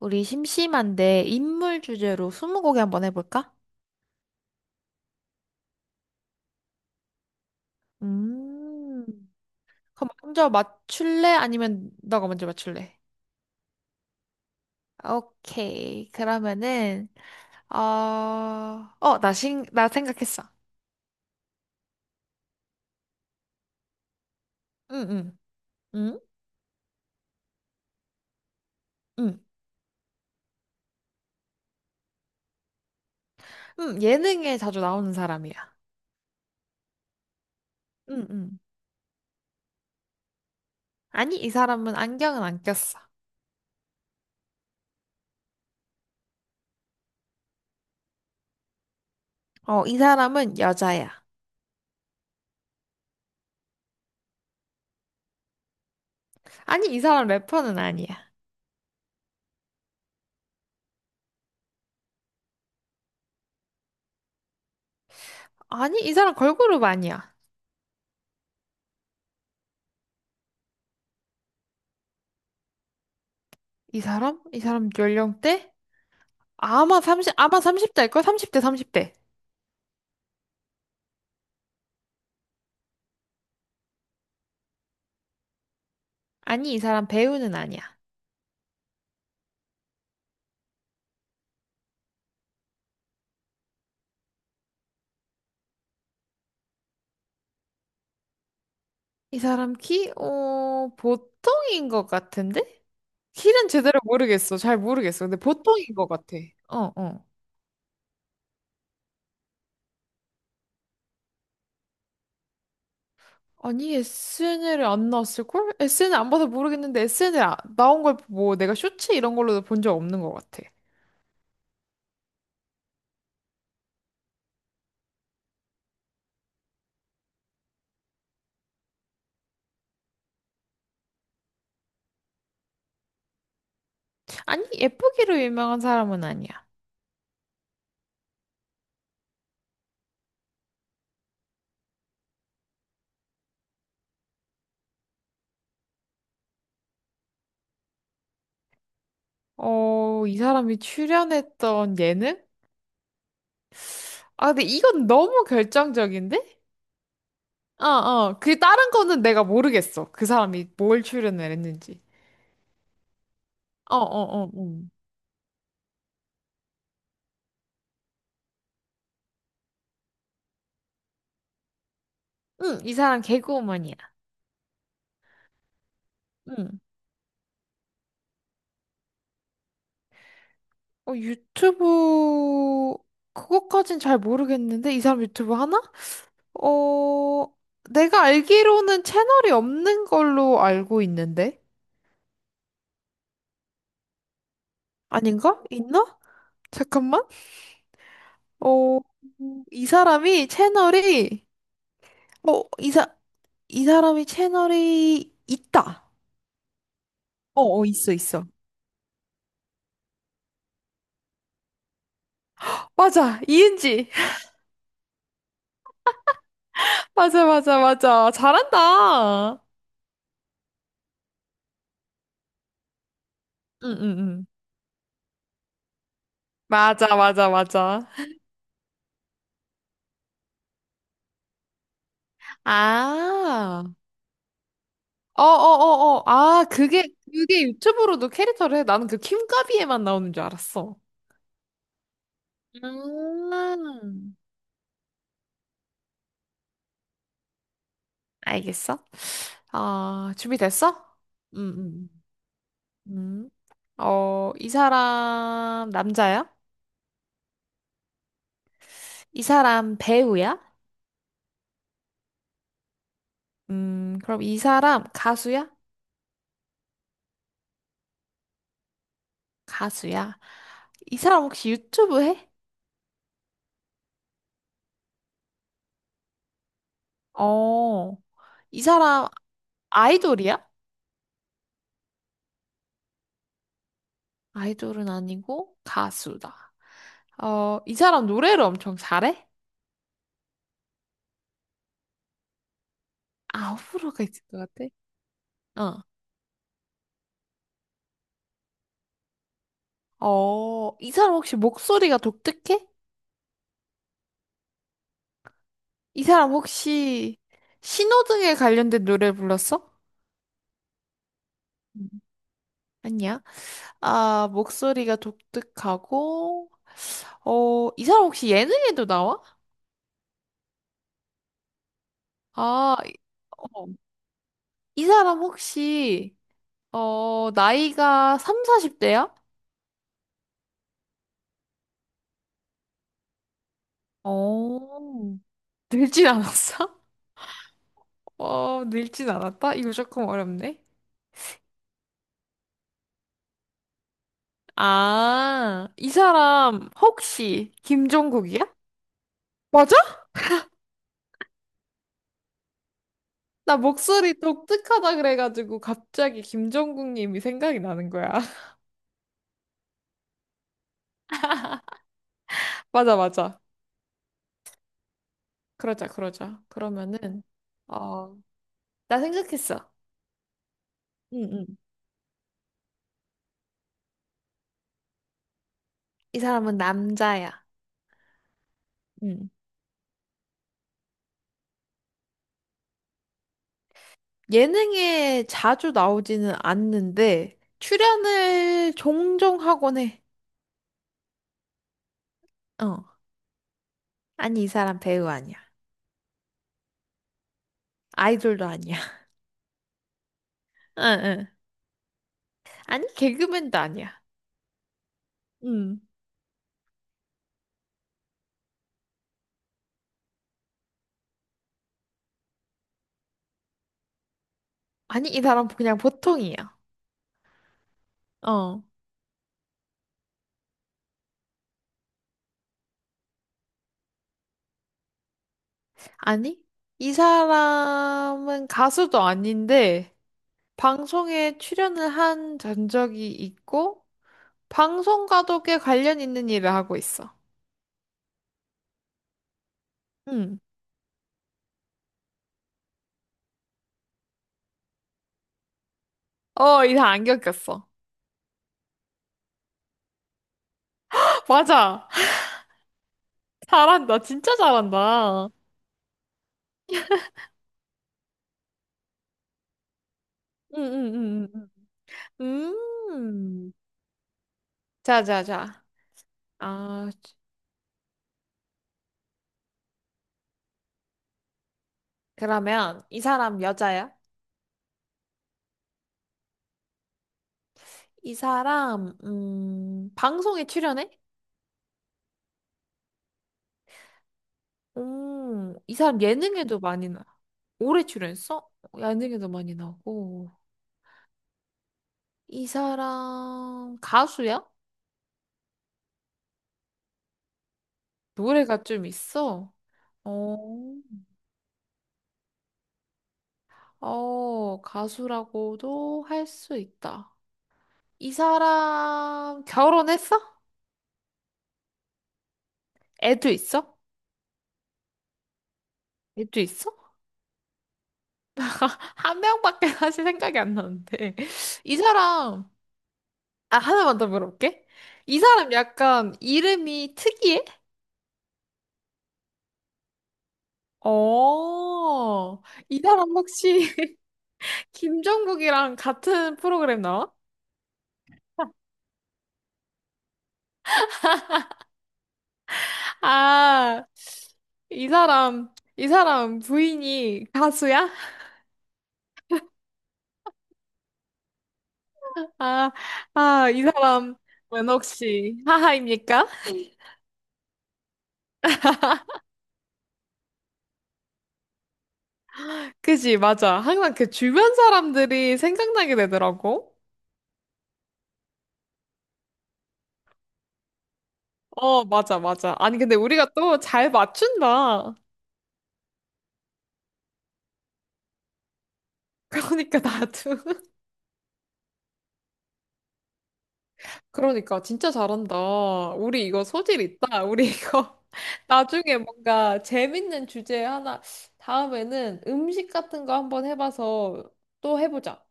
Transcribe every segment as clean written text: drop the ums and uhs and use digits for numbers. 우리 심심한데 인물 주제로 스무고개 한번 해볼까? 음. 그럼 먼저 맞출래? 아니면 너가 먼저 맞출래? 오케이. 그러면은 어, 어, 나 생각했어. 응, 응, 응, 응, 응. 예능에 자주 나오는 사람이야. 응, 응. 아니, 이 사람은 안경은 안 꼈어. 어, 이 사람은 여자야. 아니, 이 사람 래퍼는 아니야. 아니, 이 사람 걸그룹 아니야. 이 사람? 이 사람 연령대? 아마 30, 아마 삼십 대일걸? 삼십 대일걸 30대, 30대. 아니, 이 사람 배우는 아니야. 이 사람 키, 어, 보통인 것 같은데? 키는 제대로 모르겠어. 잘 모르겠어. 근데 보통인 것 같아. 어, 어. 아니, SNL에 안 나왔을걸? SNL 안 봐서 모르겠는데, SNL 나온 걸 뭐, 내가 쇼츠 이런 걸로도 본 적 없는 것 같아. 아니, 예쁘기로 유명한 사람은 아니야. 어, 이 사람이 출연했던 예능? 아, 근데 이건 너무 결정적인데? 어, 어. 그 다른 거는 내가 모르겠어. 그 사람이 뭘 출연을 했는지. 어, 어, 어, 응. 응, 이 사람 개그우먼이야. 응. 어, 유튜브, 그것까진 잘 모르겠는데? 이 사람 유튜브 하나? 어, 내가 알기로는 채널이 없는 걸로 알고 있는데? 아닌가? 있나? 잠깐만. 어, 이 사람이 채널이, 어, 이 사람이 채널이 있다. 어, 어, 있어, 있어. 맞아, 이은지. 맞아, 맞아, 맞아. 잘한다. 응, 응, 응. 맞아, 맞아, 맞아. 아, 어, 어, 어, 어. 아, 그게, 그게 유튜브로도 캐릭터를 해. 나는 그 킴카비에만 나오는 줄 알았어. 음. 알겠어? 아, 준비됐어? 응, 응. 음. 어, 이 사람 남자야? 이 사람 배우야? 그럼 이 사람 가수야? 가수야. 이 사람 혹시 유튜브 해? 어, 이 사람 아이돌이야? 아이돌은 아니고 가수다. 어, 이 사람 노래를 엄청 잘해? 아, 호불호가 있을 것 같아. 어, 어, 이 사람 혹시 목소리가 독특해? 이 사람 혹시 신호등에 관련된 노래를 불렀어? 음, 아니야. 아, 목소리가 독특하고, 어, 이 사람 혹시 예능에도 나와? 아, 이- 어, 이 사람 혹시 어, 나이가 3, 40대야? 어, 늙진 않았어? 어, 늙진 않았다? 이거 조금 어렵네. 아, 이 사람 혹시 김종국이야? 맞아? 나 목소리 독특하다 그래가지고 갑자기 김종국님이 생각이 나는 거야. 맞아, 맞아. 그러자, 그러자. 그러면은, 어, 나 생각했어. 응, 응, 이 사람은 남자야. 응. 예능에 자주 나오지는 않는데 출연을 종종 하곤 해. 어. 아니, 이 사람 배우 아니야. 아이돌도 아니야. 응, 응. 아니, 개그맨도 아니야. 응. 아니, 이 사람 그냥 보통이야. 어. 아니, 이 사람은 가수도 아닌데 방송에 출연을 한 전적이 있고 방송과도 꽤 관련 있는 일을 하고 있어. 응. 어, 이 사람 안 겪었어. 맞아. 잘한다. 진짜 잘한다. 응응응응. 음. 자, 자, 자. 아, 그러면 이 사람 여자야? 이 사람 방송에 출연해? 이 사람 예능에도 많이 나. 오래 출연했어? 예능에도 많이 나고 이 사람 가수야? 노래가 좀 있어. 어. 어, 가수라고도 할 수 있다. 이 사람 결혼했어? 애도 있어? 애도 있어? 한 명밖에 사실 생각이 안 나는데. 이 사람, 아, 하나만 더 물어볼게. 이 사람 약간 이름이 특이해? 어, 이 사람 혹시 김종국이랑 같은 프로그램 나와? 아, 이 사람, 이 사람 부인이 가수야? 아, 아, 이 사람은 혹시 하하입니까? 그지, 맞아. 항상 그 주변 사람들이 생각나게 되더라고. 어, 맞아, 맞아. 아니, 근데 우리가 또 잘 맞춘다. 그러니까 나도. 그러니까 진짜 잘한다. 우리 이거 소질 있다. 우리 이거 나중에 뭔가 재밌는 주제 하나 다음에는 음식 같은 거 한번 해봐서 또 해보자.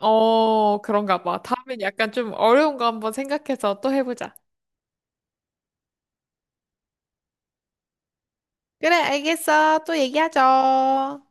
어, 그런가 봐. 다음엔 약간 좀 어려운 거 한번 생각해서 또 해보자. 그래, 알겠어. 또 얘기하죠.